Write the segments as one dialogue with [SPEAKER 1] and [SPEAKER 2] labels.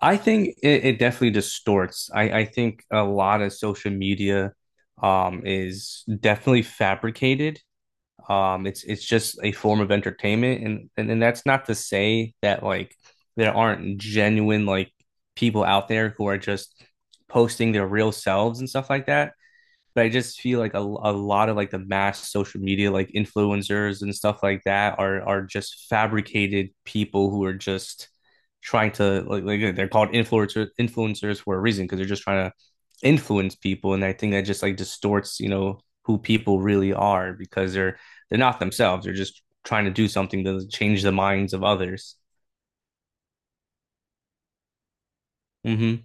[SPEAKER 1] I think it definitely distorts. I think a lot of social media is definitely fabricated. It's just a form of entertainment and that's not to say that like there aren't genuine like people out there who are just posting their real selves and stuff like that, but I just feel like a lot of like the mass social media like influencers and stuff like that are just fabricated people who are just trying to like they're called influencers for a reason, because they're just trying to influence people. And I think that just like distorts, you know, who people really are, because they're not themselves, they're just trying to do something to change the minds of others. Mm-hmm.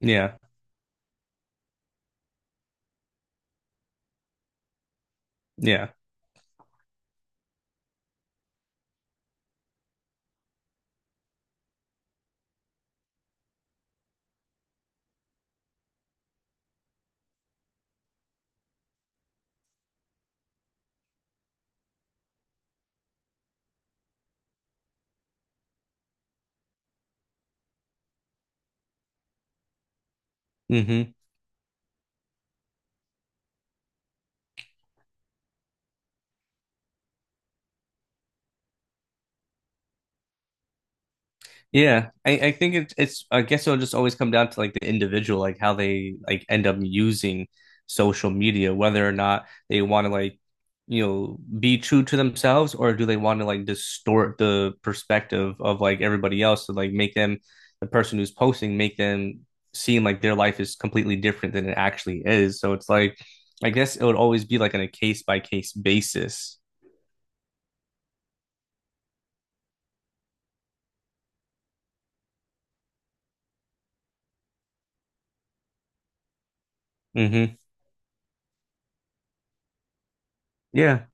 [SPEAKER 1] Yeah, yeah. Mm-hmm. Yeah, I think it's, I guess, it'll just always come down to like the individual, like how they like end up using social media, whether or not they want to like, you know, be true to themselves, or do they want to like distort the perspective of like everybody else to like make them the person who's posting, make them seem like their life is completely different than it actually is. So it's like, I guess it would always be like on a case by case basis. Hmm. Yeah.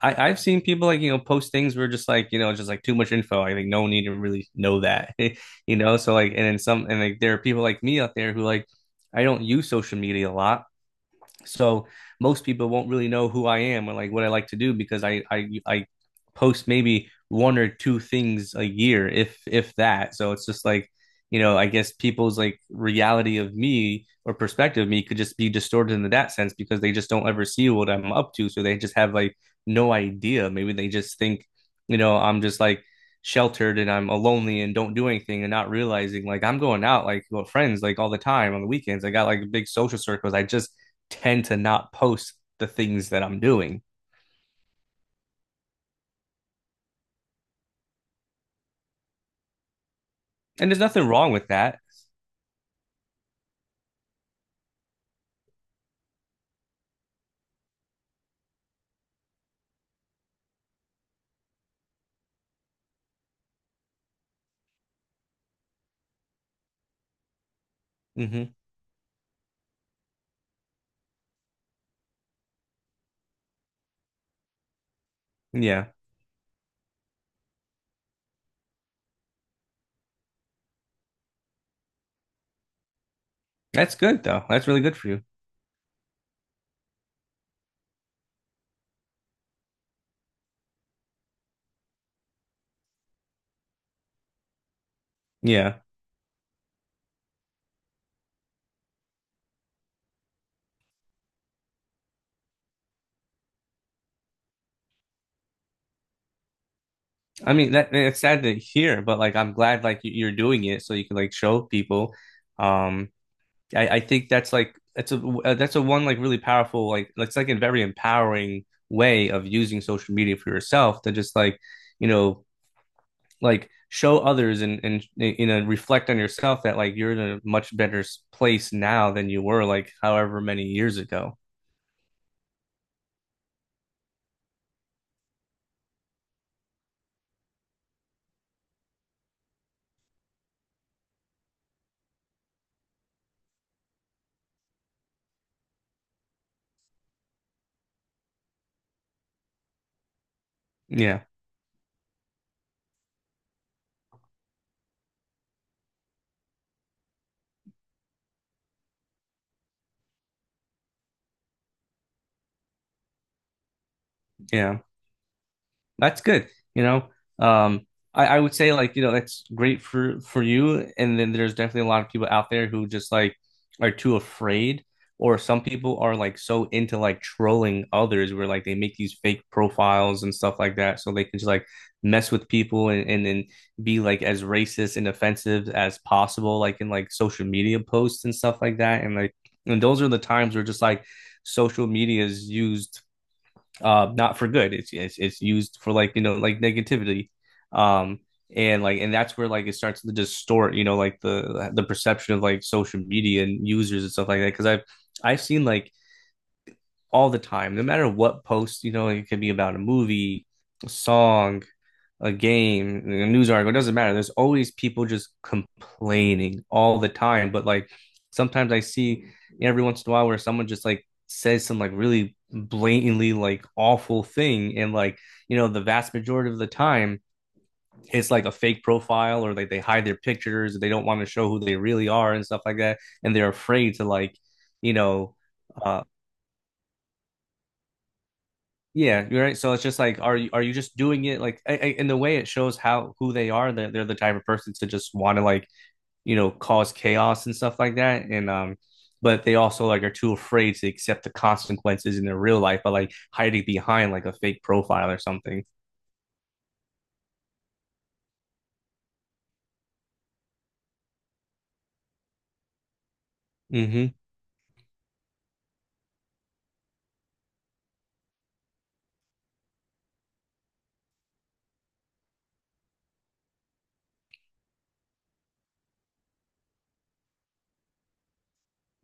[SPEAKER 1] I've seen people like, you know, post things where just like, you know, just like too much info. I think no one need to really know that, you know? So like, and then some, and like there are people like me out there who like, I don't use social media a lot. So most people won't really know who I am or like what I like to do, because I post maybe one or two things a year, if that. So it's just like, you know, I guess people's like reality of me or perspective of me could just be distorted in that sense, because they just don't ever see what I'm up to. So they just have like no idea. Maybe they just think, you know, I'm just like sheltered and I'm lonely and don't do anything, and not realizing like I'm going out like with friends like all the time on the weekends. I got like big social circles. I just tend to not post the things that I'm doing. And there's nothing wrong with that. Hmm. Yeah. That's good though. That's really good for you. Yeah. I mean that it's sad to hear, but like I'm glad like you- you're doing it so you can like show people. Um, I think that's like that's a one like really powerful like it's like a very empowering way of using social media for yourself to just like, you know, like show others and, you know, reflect on yourself that like you're in a much better s- place now than you were like however many years ago. Yeah, yeah. That's good. You know, um, I would say like, you know, that's great for you. And then there's definitely a lot of people out there who just like are too afraid, or some people are like so into like trolling others where like they make these fake profiles and stuff like that, so they can just like mess with people, and then be like as racist and offensive as possible, like in like social media posts and stuff like that. And like, and those are the times where just like social media is used, not for good. It's used for like, you know, like negativity, um, and like, and that's where like it starts to distort, you know, like the perception of like social media and users and stuff like that. Because I've seen like all the time, no matter what post, you know, it could be about a movie, a song, a game, a news article, it doesn't matter. There's always people just complaining all the time. But like sometimes I see every once in a while where someone just like says some like really blatantly like awful thing. And like, you know, the vast majority of the time it's like a fake profile, or like they hide their pictures, they don't want to show who they really are and stuff like that. And they're afraid to like, you know, uh Yeah, you're right. So it's just like, are you just doing it like in the way it shows how who they are? They're the type of person to just want to like, you know, cause chaos and stuff like that. And but they also like are too afraid to accept the consequences in their real life by like hiding behind like a fake profile or something. Mm-hmm.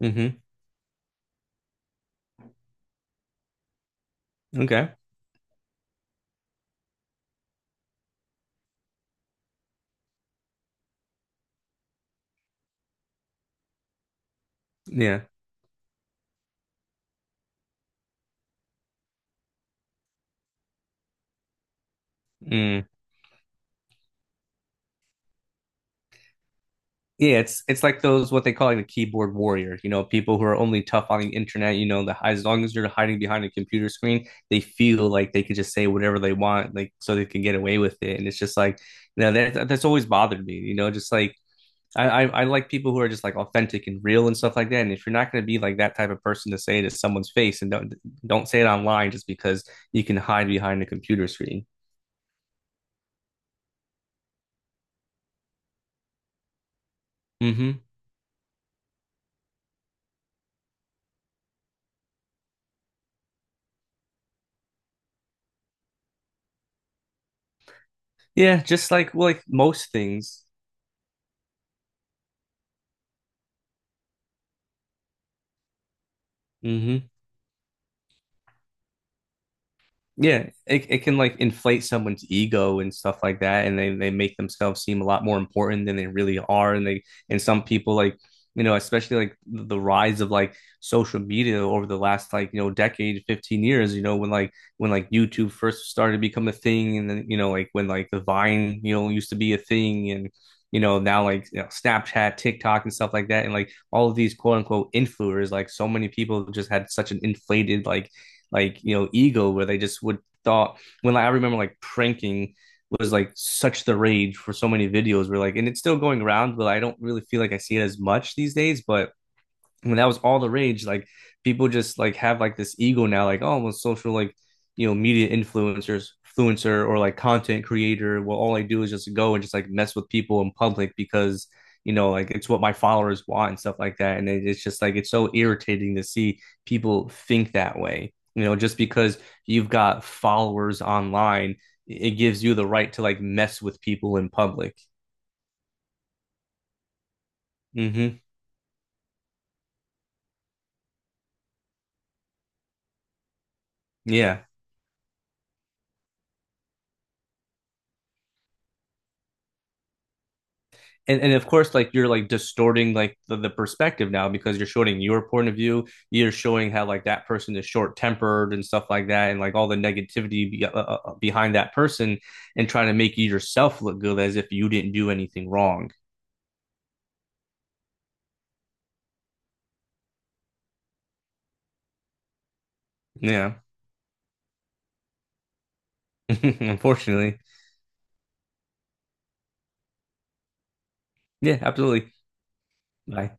[SPEAKER 1] Mm-hmm. Okay. Yeah. Mm. Yeah, it's like those what they call like the keyboard warrior, you know, people who are only tough on the internet, you know, the as long as you're hiding behind a computer screen, they feel like they could just say whatever they want, like so they can get away with it. And it's just like, you know, that that's always bothered me, you know, just like I like people who are just like authentic and real and stuff like that. And if you're not going to be like that type of person to say it to someone's face, and don't say it online just because you can hide behind a computer screen. Hmm. Yeah, just like well, like most things. Hmm. Yeah, it can like inflate someone's ego and stuff like that, and they make themselves seem a lot more important than they really are. And they and some people like, you know, especially like the rise of like social media over the last like, you know, decade, 15 years. You know, when like YouTube first started to become a thing, and then, you know, like when like the Vine, you know, used to be a thing, and, you know, now like, you know, Snapchat, TikTok, and stuff like that, and like all of these quote unquote influencers, like so many people just had such an inflated like, you know, ego where they just would thought when like, I remember like pranking was like such the rage for so many videos where like, and it's still going around, but I don't really feel like I see it as much these days, but when that was all the rage, like people just like have like this ego now, like, oh, well, social like, you know, media influencers, influencer or like content creator. Well, all I do is just go and just like mess with people in public because, you know, like it's what my followers want and stuff like that, and it's just like it's so irritating to see people think that way. You know, just because you've got followers online, it gives you the right to like mess with people in public. Hmm. Yeah. And of course like you're like distorting like the perspective now because you're showing your point of view, you're showing how like that person is short tempered and stuff like that, and like all the negativity be, behind that person, and trying to make you yourself look good, as if you didn't do anything wrong. Yeah. Unfortunately. Yeah, absolutely. Bye.